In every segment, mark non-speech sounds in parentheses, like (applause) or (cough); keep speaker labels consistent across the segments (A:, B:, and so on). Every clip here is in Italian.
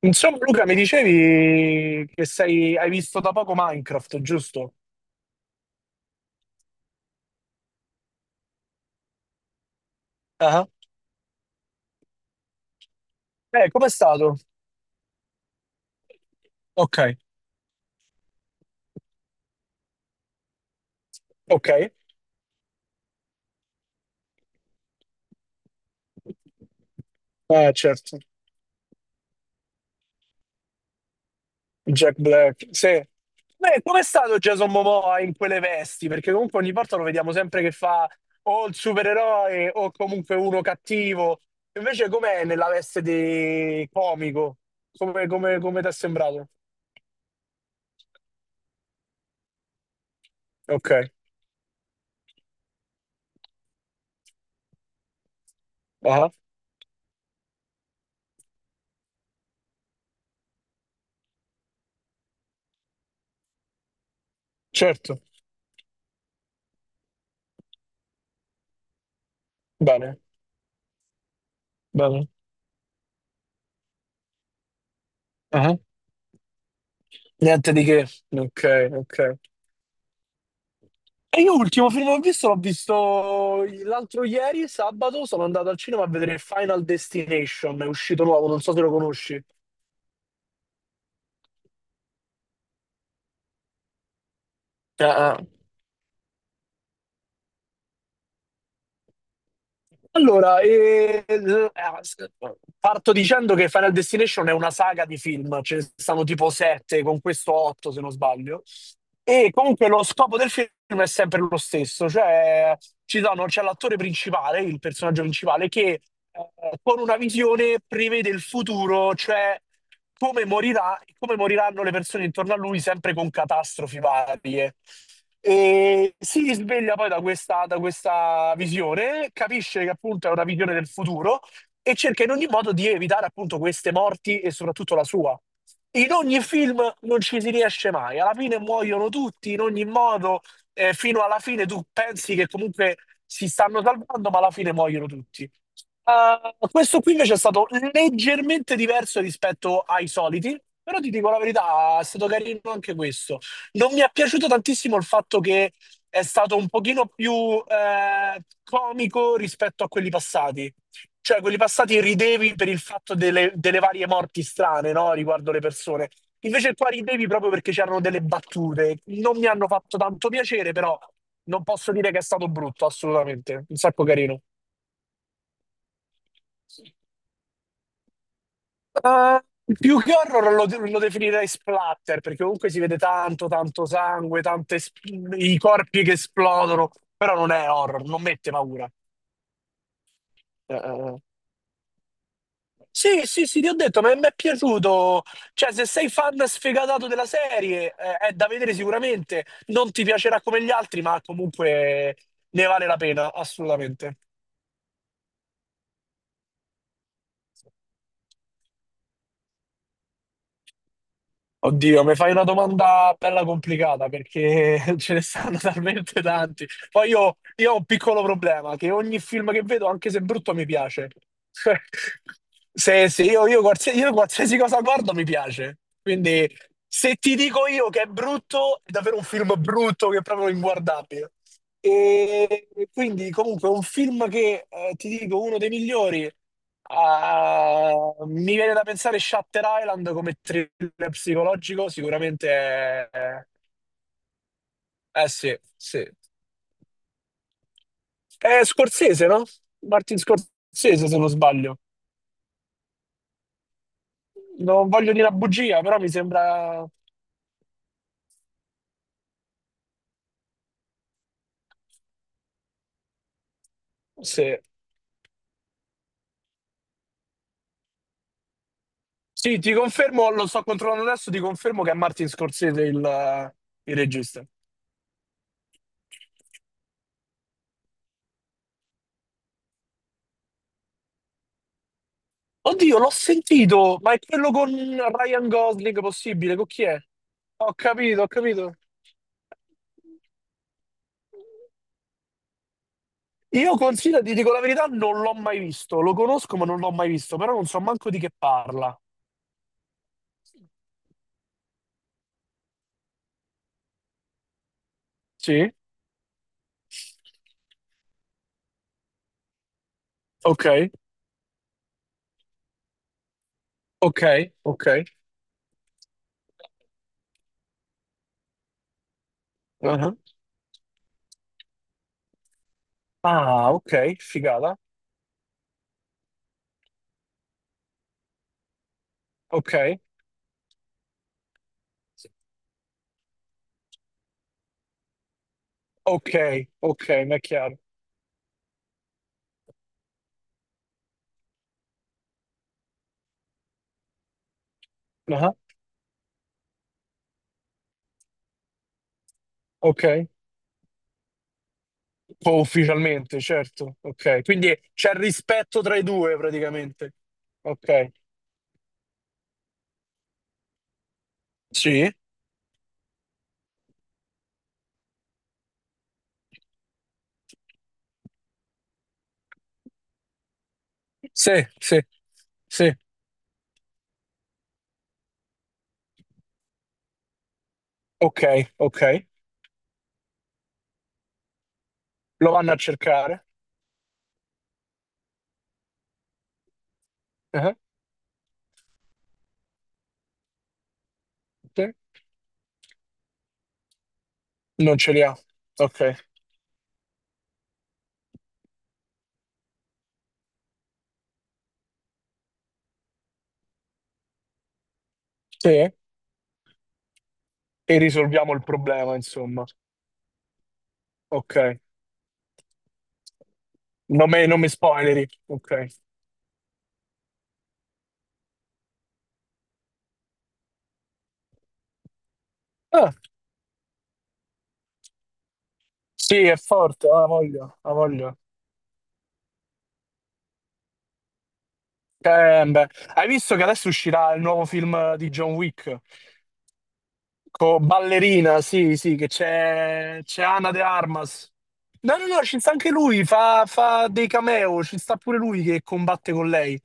A: Insomma, Luca, mi dicevi che hai visto da poco Minecraft, giusto? Ah, com'è stato? Ok, ok. Certo. Jack Black, sì. Beh, com'è stato Jason Momoa in quelle vesti? Perché comunque ogni volta lo vediamo sempre che fa o il supereroe o comunque uno cattivo. Invece com'è nella veste di comico? Come ti è sembrato? Ok, ah, certo. Bene, bene. Niente di che. Ok, ok. E io l'ultimo film che ho visto l'ho visto l'altro ieri, sabato, sono andato al cinema a vedere Final Destination, è uscito nuovo, non so se lo conosci. Ah, ah. Allora, parto dicendo che Final Destination è una saga di film, ce ne stanno tipo sette, con questo otto se non sbaglio. E comunque lo scopo del film è sempre lo stesso, cioè c'è l'attore principale, il personaggio principale, che con una visione prevede il futuro, cioè come morirà, come moriranno le persone intorno a lui, sempre con catastrofi varie. E si risveglia poi da questa visione, capisce che appunto è una visione del futuro e cerca in ogni modo di evitare appunto queste morti e soprattutto la sua. In ogni film non ci si riesce mai, alla fine muoiono tutti in ogni modo, fino alla fine tu pensi che comunque si stanno salvando, ma alla fine muoiono tutti. Questo qui invece è stato leggermente diverso rispetto ai soliti, però ti dico la verità, è stato carino anche questo. Non mi è piaciuto tantissimo il fatto che è stato un pochino più comico rispetto a quelli passati. Cioè, quelli passati ridevi per il fatto delle varie morti strane, no? Riguardo le persone. Invece qua ridevi proprio perché c'erano delle battute. Non mi hanno fatto tanto piacere, però non posso dire che è stato brutto, assolutamente. Un sacco carino. Eh, più che horror lo definirei splatter, perché comunque si vede tanto, tanto sangue, i corpi che esplodono, però non è horror, non mette paura. Eh, eh. eh. Sì, sì, sì, ti ho detto, ma mi è piaciuto. Cioè, se sei fan sfegatato della serie, è da vedere sicuramente. Non ti piacerà come gli altri, ma comunque ne vale la pena, assolutamente. Oddio, mi fai una domanda bella complicata perché (laughs) ce ne stanno talmente tanti. Poi io ho un piccolo problema, che ogni film che vedo, anche se brutto, mi piace. (laughs) Sì, sì, io qualsiasi cosa guardo mi piace. Quindi se ti dico io che è brutto, è davvero un film brutto che è proprio inguardabile. E quindi comunque un film che, ti dico, uno dei migliori, ah, mi viene da pensare Shutter Island come thriller psicologico, sicuramente è. Eh sì, sì. È Scorsese, no? Martin Scorsese, se non sbaglio. Non voglio dire una bugia, però mi sembra. Sì. Sì, ti confermo, lo sto controllando adesso, ti confermo che è Martin Scorsese il regista. Oddio, l'ho sentito, ma è quello con Ryan Gosling possibile? Con chi è? Ho capito, ho capito. Io consiglio, ti dico la verità, non l'ho mai visto. Lo conosco, ma non l'ho mai visto, però non so manco di che parla. Sì? Ok, ok, ok. Uh-huh. Ah, ok, figata. Ok, ok, ok, mi è chiaro. Uh-huh. Ok, oh, ufficialmente, certo. Ok, quindi c'è il rispetto tra i due praticamente. Ok, sì, sì, sì, sì. Ok, ok. Lo vanno a cercare? Eh, sì. Non ce li ha. Ok. Sì. E risolviamo il problema, insomma. Ok. Non mi spoileri. Ok. Ah, sì, è forte. Ha voglia, ha voglia. Beh. Hai visto che adesso uscirà il nuovo film di John Wick? Con ballerina, sì, sì, che c'è Ana de Armas. No, no, no, ci sta anche lui, fa dei cameo, ci sta pure lui che combatte con lei.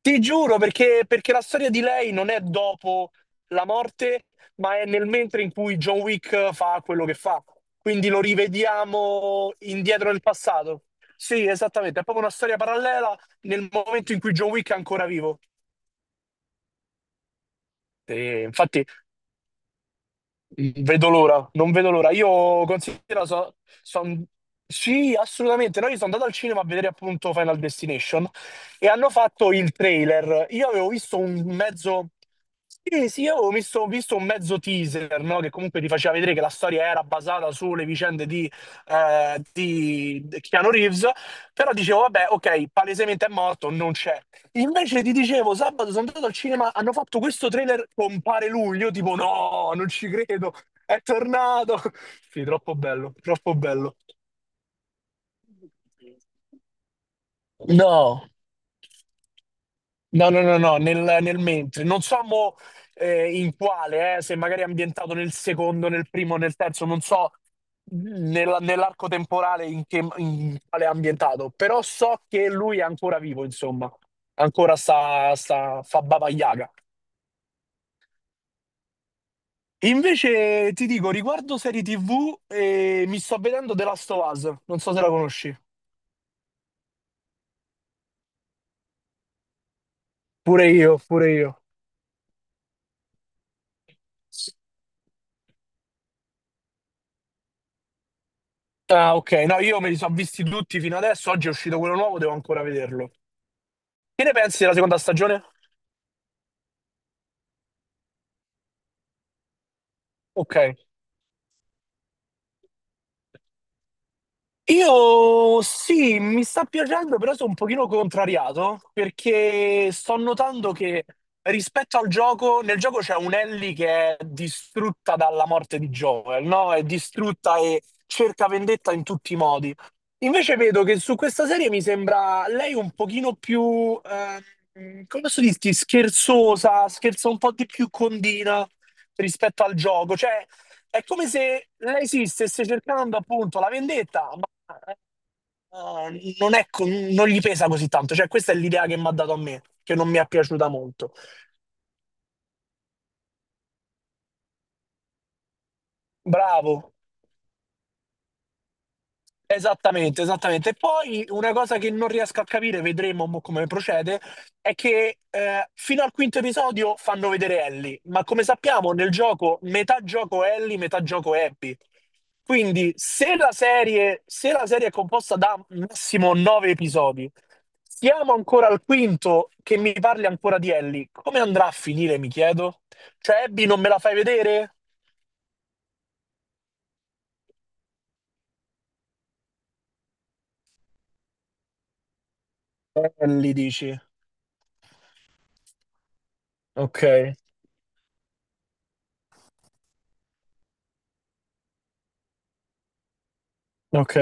A: Ti giuro, perché la storia di lei non è dopo la morte, ma è nel mentre in cui John Wick fa quello che fa. Quindi lo rivediamo indietro nel passato. Sì, esattamente, è proprio una storia parallela nel momento in cui John Wick è ancora vivo. E infatti non vedo l'ora. Io considero, so- son- sì, assolutamente. Noi sono andato al cinema a vedere appunto Final Destination e hanno fatto il trailer. Io avevo visto un mezzo, sì, sì, io avevo visto un mezzo teaser, no? Che comunque ti faceva vedere che la storia era basata sulle vicende di Keanu Reeves, però dicevo, vabbè, ok, palesemente è morto, non c'è. Invece ti dicevo, sabato sono andato al cinema, hanno fatto questo trailer con Pare Lui, io tipo no, non ci credo, è tornato. (laughs) Sì, troppo bello, troppo bello. No, no, no, no, no, nel mentre. Non so mo, in quale, se magari è ambientato nel secondo, nel primo, nel terzo, non so nell'arco temporale in quale è ambientato, però so che lui è ancora vivo, insomma, ancora fa Baba Yaga. Invece ti dico, riguardo serie TV, mi sto vedendo The Last of Us, non so se la conosci. Pure io, pure io. Ah, ok, no, io me li sono visti tutti fino adesso, oggi è uscito quello nuovo, devo ancora vederlo. Che ne pensi della seconda stagione? Ok. Io sì, mi sta piacendo, però sono un pochino contrariato perché sto notando che rispetto al gioco, nel gioco c'è un Ellie che è distrutta dalla morte di Joel, no? È distrutta e cerca vendetta in tutti i modi. Invece vedo che su questa serie mi sembra lei un pochino più, come posso dirti, scherzosa, scherza un po' di più condina rispetto al gioco, cioè. È come se lei sì, stesse cercando appunto la vendetta, non è non gli pesa così tanto. Cioè, questa è l'idea che mi ha dato a me, che non mi è piaciuta molto. Bravo, esattamente, esattamente. E poi una cosa che non riesco a capire, vedremo mo come procede, è che fino al quinto episodio fanno vedere Ellie, ma come sappiamo nel gioco metà gioco Ellie, metà gioco Abby. Quindi se la serie è composta da massimo nove episodi, siamo ancora al quinto che mi parli ancora di Ellie, come andrà a finire, mi chiedo? Cioè Abby non me la fai vedere? Ellie dici. Ok, ok.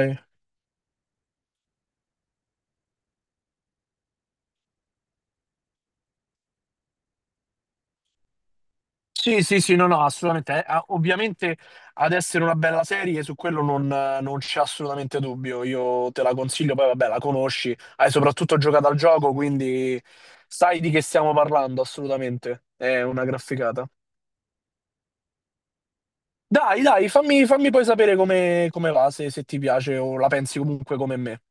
A: Sì, sì, sì, no, no, assolutamente. Ovviamente ad essere una bella serie, su quello non c'è assolutamente dubbio. Io te la consiglio, poi vabbè, la conosci, hai soprattutto giocato al gioco, quindi sai di che stiamo parlando, assolutamente. È una graficata. Dai, dai, fammi poi sapere come va, se ti piace o la pensi comunque come me.